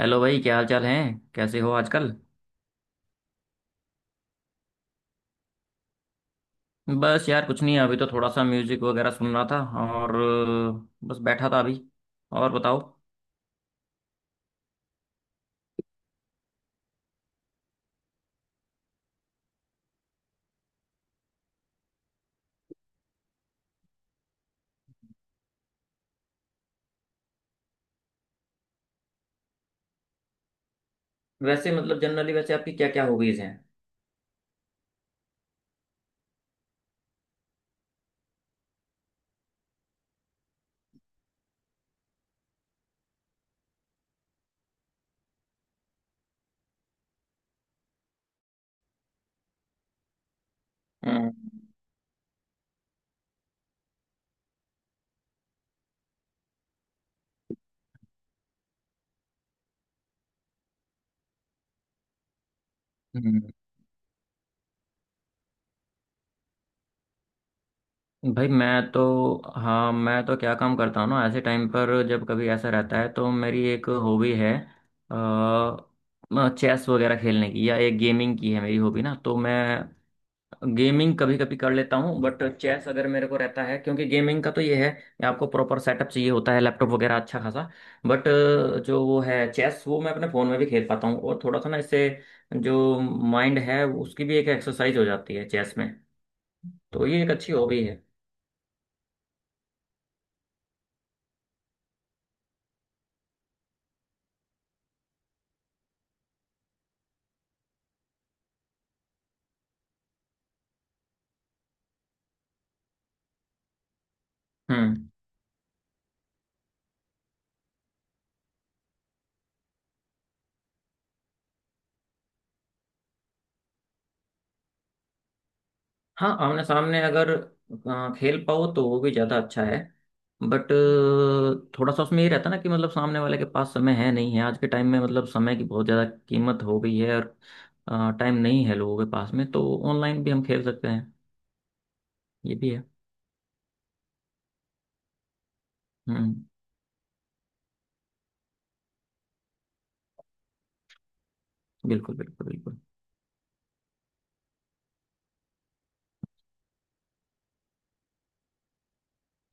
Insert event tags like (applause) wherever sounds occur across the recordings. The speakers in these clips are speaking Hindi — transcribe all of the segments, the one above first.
हेलो भाई, क्या हाल चाल है। कैसे हो आजकल। बस यार कुछ नहीं, अभी तो थोड़ा सा म्यूजिक वगैरह सुन रहा था और बस बैठा था अभी। और बताओ। वैसे मतलब जनरली वैसे आपकी क्या क्या हॉबीज हैं। हम्म। हम्म। भाई मैं तो हाँ, मैं तो क्या काम करता हूँ ना, ऐसे टाइम पर जब कभी ऐसा रहता है तो मेरी एक हॉबी है चेस वगैरह खेलने की, या एक गेमिंग की है मेरी हॉबी ना। तो मैं गेमिंग कभी कभी कर लेता हूँ, बट चेस अगर मेरे को रहता है, क्योंकि गेमिंग का तो ये है कि आपको प्रॉपर सेटअप चाहिए होता है, लैपटॉप वगैरह अच्छा खासा। बट जो वो है चेस, वो मैं अपने फ़ोन में भी खेल पाता हूँ, और थोड़ा सा ना इससे जो माइंड है उसकी भी एक एक्सरसाइज हो जाती है चेस में। तो ये एक अच्छी हॉबी है। हम्म। हाँ, आमने सामने अगर खेल पाओ तो वो भी ज़्यादा अच्छा है। बट थोड़ा सा उसमें ये रहता ना कि मतलब सामने वाले के पास समय है नहीं है, आज के टाइम में मतलब समय की बहुत ज़्यादा कीमत हो गई है और टाइम नहीं है लोगों के पास में, तो ऑनलाइन भी हम खेल सकते हैं। ये भी है। हम्म। बिल्कुल बिल्कुल बिल्कुल।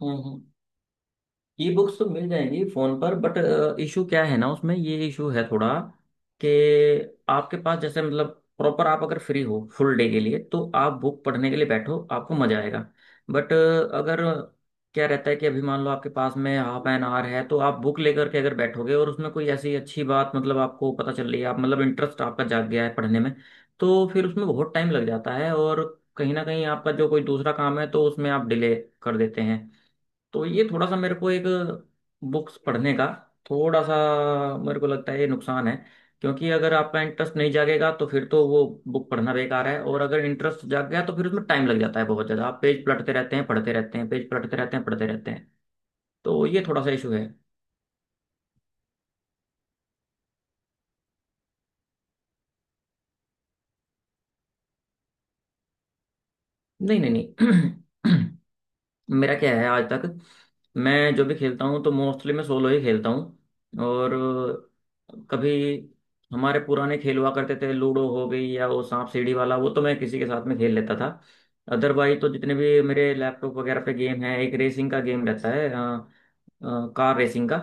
हम्म। हम्म। ई बुक्स तो मिल जाएंगी फोन पर, बट इशू क्या है ना, उसमें ये इशू है थोड़ा कि आपके पास जैसे मतलब प्रॉपर आप अगर फ्री हो फुल डे के लिए तो आप बुक पढ़ने के लिए बैठो, आपको मजा आएगा। बट अगर क्या रहता है कि अभी मान लो आपके पास में हाफ एन आवर है तो आप बुक लेकर के अगर बैठोगे, और उसमें कोई ऐसी अच्छी बात, मतलब आपको पता चल रही है, आप मतलब इंटरेस्ट आपका जाग गया है पढ़ने में, तो फिर उसमें बहुत टाइम लग जाता है, और कहीं ना कहीं आपका जो कोई दूसरा काम है तो उसमें आप डिले कर देते हैं। तो ये थोड़ा सा मेरे को एक बुक्स पढ़ने का थोड़ा सा मेरे को लगता है ये नुकसान है, क्योंकि अगर आपका इंटरेस्ट नहीं जागेगा तो फिर तो वो बुक पढ़ना बेकार है, और अगर इंटरेस्ट जाग गया तो फिर उसमें टाइम लग जाता है बहुत ज़्यादा, आप पेज पलटते रहते हैं पढ़ते रहते हैं पेज पलटते रहते हैं पढ़ते रहते हैं। तो ये थोड़ा सा इशू है। नहीं नहीं नहीं। (clears throat) मेरा क्या है, आज तक मैं जो भी खेलता हूँ तो मोस्टली मैं सोलो ही खेलता हूँ। और कभी हमारे पुराने खेल हुआ करते थे, लूडो हो गई या वो सांप सीढ़ी वाला, वो तो मैं किसी के साथ में खेल लेता था। अदरवाइज तो जितने भी मेरे लैपटॉप वगैरह पे गेम है एक रेसिंग का गेम रहता है, कार रेसिंग का।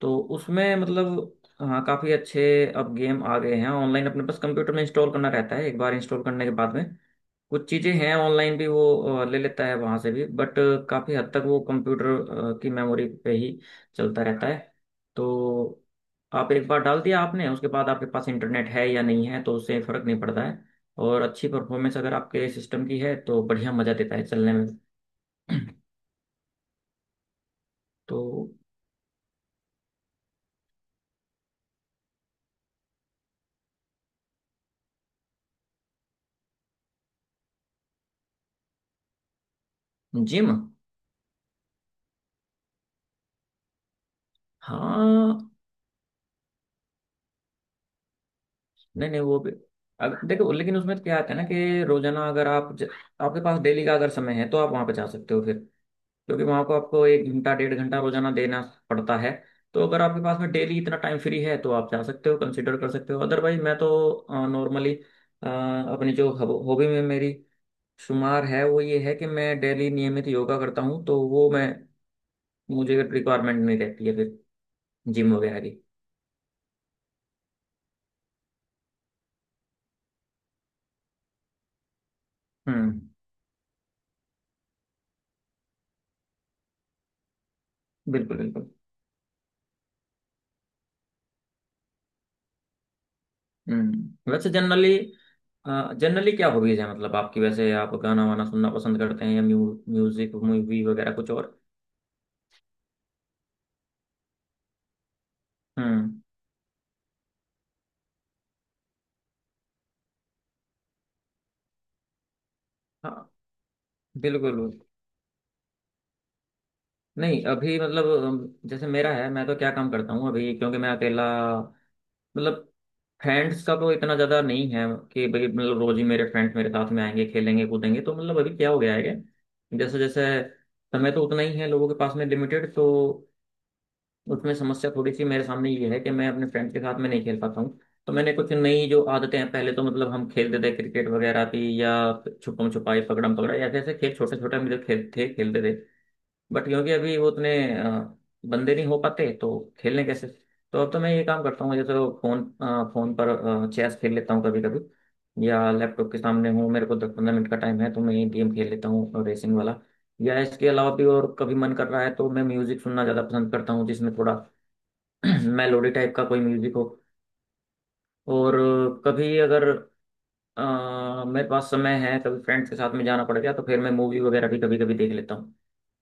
तो उसमें मतलब हाँ, काफ़ी अच्छे अब गेम आ गए हैं ऑनलाइन। अपने पास कंप्यूटर में इंस्टॉल करना रहता है, एक बार इंस्टॉल करने के बाद में। कुछ चीज़ें हैं ऑनलाइन भी, वो ले लेता है वहाँ से भी। बट काफ़ी हद तक वो कंप्यूटर की मेमोरी पे ही चलता रहता है। तो आप एक बार डाल दिया आपने, उसके बाद आपके पास इंटरनेट है या नहीं है तो उससे फ़र्क नहीं पड़ता है। और अच्छी परफॉर्मेंस अगर आपके सिस्टम की है तो बढ़िया मज़ा देता है चलने में। (clears throat) तो। जिम। हाँ, नहीं नहीं, वो भी अगर देखो, लेकिन उसमें क्या आता है ना कि रोजाना अगर आप आपके पास डेली का अगर समय है तो आप वहाँ पे जा सकते हो, फिर क्योंकि वहां को आपको एक घंटा डेढ़ घंटा रोजाना देना पड़ता है। तो अगर आपके पास में डेली इतना टाइम फ्री है तो आप जा सकते हो, कंसिडर कर सकते हो। अदरवाइज मैं तो नॉर्मली अपनी जो हॉबी में मेरी शुमार है वो ये है कि मैं डेली नियमित योगा करता हूँ, तो वो मैं मुझे रिक्वायरमेंट नहीं रहती है फिर जिम वगैरह की। हम्म। बिल्कुल बिल्कुल। वैसे जनरली जनरली क्या हॉबीज है मतलब आपकी, वैसे आप गाना वाना सुनना पसंद करते हैं या म्यूजिक मूवी वगैरह कुछ और। हम्म। हाँ, बिल्कुल। नहीं अभी मतलब जैसे मेरा है, मैं तो क्या काम करता हूँ अभी क्योंकि मैं अकेला, मतलब फ्रेंड्स का तो इतना ज़्यादा नहीं है कि भाई मतलब रोज ही मेरे फ्रेंड्स मेरे साथ में आएंगे खेलेंगे कूदेंगे। तो मतलब अभी क्या हो गया है कि जैसे जैसे, समय तो उतना ही है लोगों के पास में लिमिटेड, तो उसमें समस्या थोड़ी सी मेरे सामने ये है कि मैं अपने फ्रेंड्स के साथ में नहीं खेल पाता हूँ। तो मैंने कुछ नई जो आदतें हैं, पहले तो मतलब हम खेलते थे क्रिकेट वगैरह थी, या छुपम छुपाई पकड़म पकड़ाई ऐसे ऐसे खेल छोटे छोटे हम जो खेल थे खेलते थे। बट क्योंकि अभी वो उतने अ, बंदे नहीं हो पाते तो खेलने कैसे। तो अब तो मैं ये काम करता हूँ, जैसे फोन फोन पर चेस खेल लेता हूँ कभी कभी, या लैपटॉप के सामने हूँ मेरे को दस पंद्रह मिनट का टाइम है तो मैं ये गेम खेल लेता हूँ रेसिंग वाला, या इसके अलावा भी। और कभी मन कर रहा है तो मैं म्यूजिक सुनना ज़्यादा पसंद करता हूँ जिसमें थोड़ा (clears throat) मेलोडी टाइप का कोई म्यूजिक हो। और कभी अगर मेरे पास समय है, कभी फ्रेंड्स के साथ में जाना पड़ गया तो फिर मैं मूवी वगैरह भी कभी कभी देख लेता हूँ।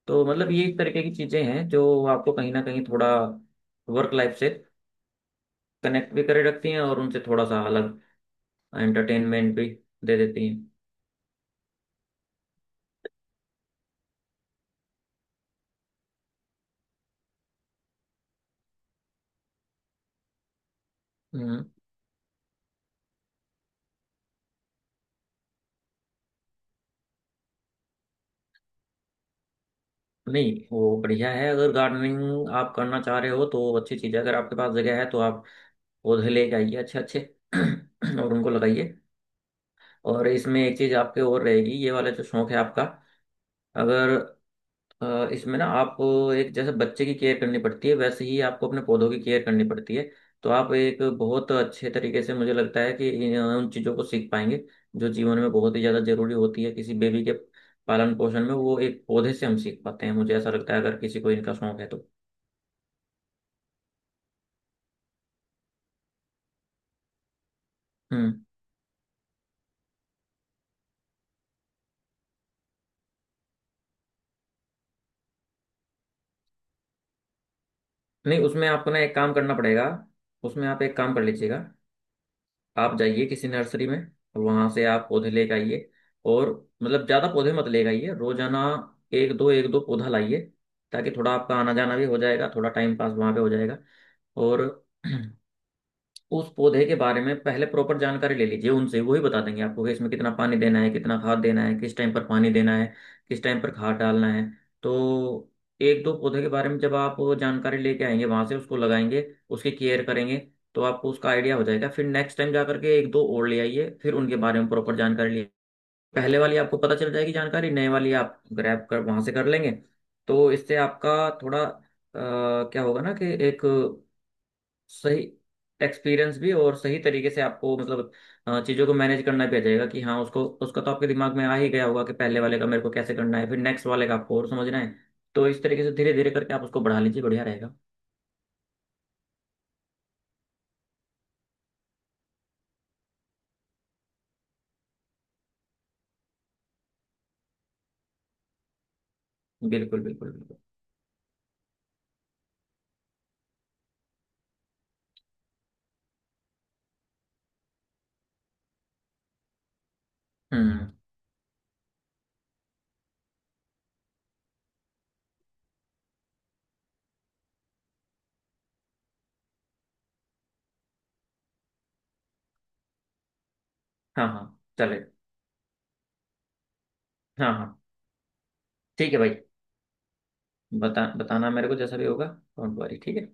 तो मतलब ये एक तरीके की चीजें हैं जो आपको कहीं ना कहीं थोड़ा वर्क लाइफ से कनेक्ट भी करे रखती हैं, और उनसे थोड़ा सा अलग एंटरटेनमेंट भी दे देती हैं। हम्म, नहीं वो बढ़िया है, अगर गार्डनिंग आप करना चाह रहे हो तो अच्छी चीज़ है। अगर आपके पास जगह है तो आप पौधे लेके आइए अच्छे अच्छे, (clears throat) और उनको लगाइए। और इसमें एक चीज़ आपके और रहेगी, ये वाला जो शौक है आपका, अगर इसमें ना, आप एक जैसे बच्चे की केयर करनी पड़ती है वैसे ही आपको अपने पौधों की केयर करनी पड़ती है। तो आप एक बहुत अच्छे तरीके से, मुझे लगता है कि उन चीज़ों को सीख पाएंगे जो जीवन में बहुत ही ज़्यादा जरूरी होती है। किसी बेबी के पालन पोषण में, वो एक पौधे से हम सीख पाते हैं मुझे ऐसा लगता है, अगर किसी को इनका शौक है तो। हम्म नहीं उसमें आपको ना एक काम करना पड़ेगा। उसमें आप एक काम कर लीजिएगा, आप जाइए किसी नर्सरी में, और वहां से आप पौधे लेके आइए। और मतलब ज्यादा पौधे मत लेके आइए रोजाना, एक दो पौधा लाइए, ताकि थोड़ा आपका आना जाना भी हो जाएगा, थोड़ा टाइम पास वहां पे हो जाएगा। और (clears throat) उस पौधे के बारे में पहले प्रॉपर जानकारी ले लीजिए, उनसे वही बता देंगे आपको कि इसमें कितना पानी देना है, कितना खाद देना है, किस टाइम पर पानी देना है, किस टाइम पर खाद डालना है। तो एक दो पौधे के बारे में जब आप जानकारी लेके आएंगे वहां से, उसको लगाएंगे, उसकी केयर करेंगे, तो आपको उसका आइडिया हो जाएगा। फिर नेक्स्ट टाइम जा करके एक दो और ले आइए, फिर उनके बारे में प्रॉपर जानकारी लिए, पहले वाली आपको पता चल जाएगी जानकारी, नए वाली आप ग्रैब कर वहां से कर लेंगे। तो इससे आपका थोड़ा क्या होगा ना कि एक सही एक्सपीरियंस भी, और सही तरीके से आपको मतलब चीज़ों को मैनेज करना भी आ जाएगा, कि हाँ उसको उसका तो आपके दिमाग में आ ही गया होगा कि पहले वाले का मेरे को कैसे करना है, फिर नेक्स्ट वाले का आपको और समझना है। तो इस तरीके से धीरे धीरे करके आप उसको बढ़ा लीजिए, बढ़िया रहेगा। बिल्कुल बिल्कुल बिल्कुल। हम्म। हाँ हाँ, चलेगा। हाँ हाँ। ठीक है भाई। बताना मेरे को जैसा भी होगा। Don't worry. ठीक है।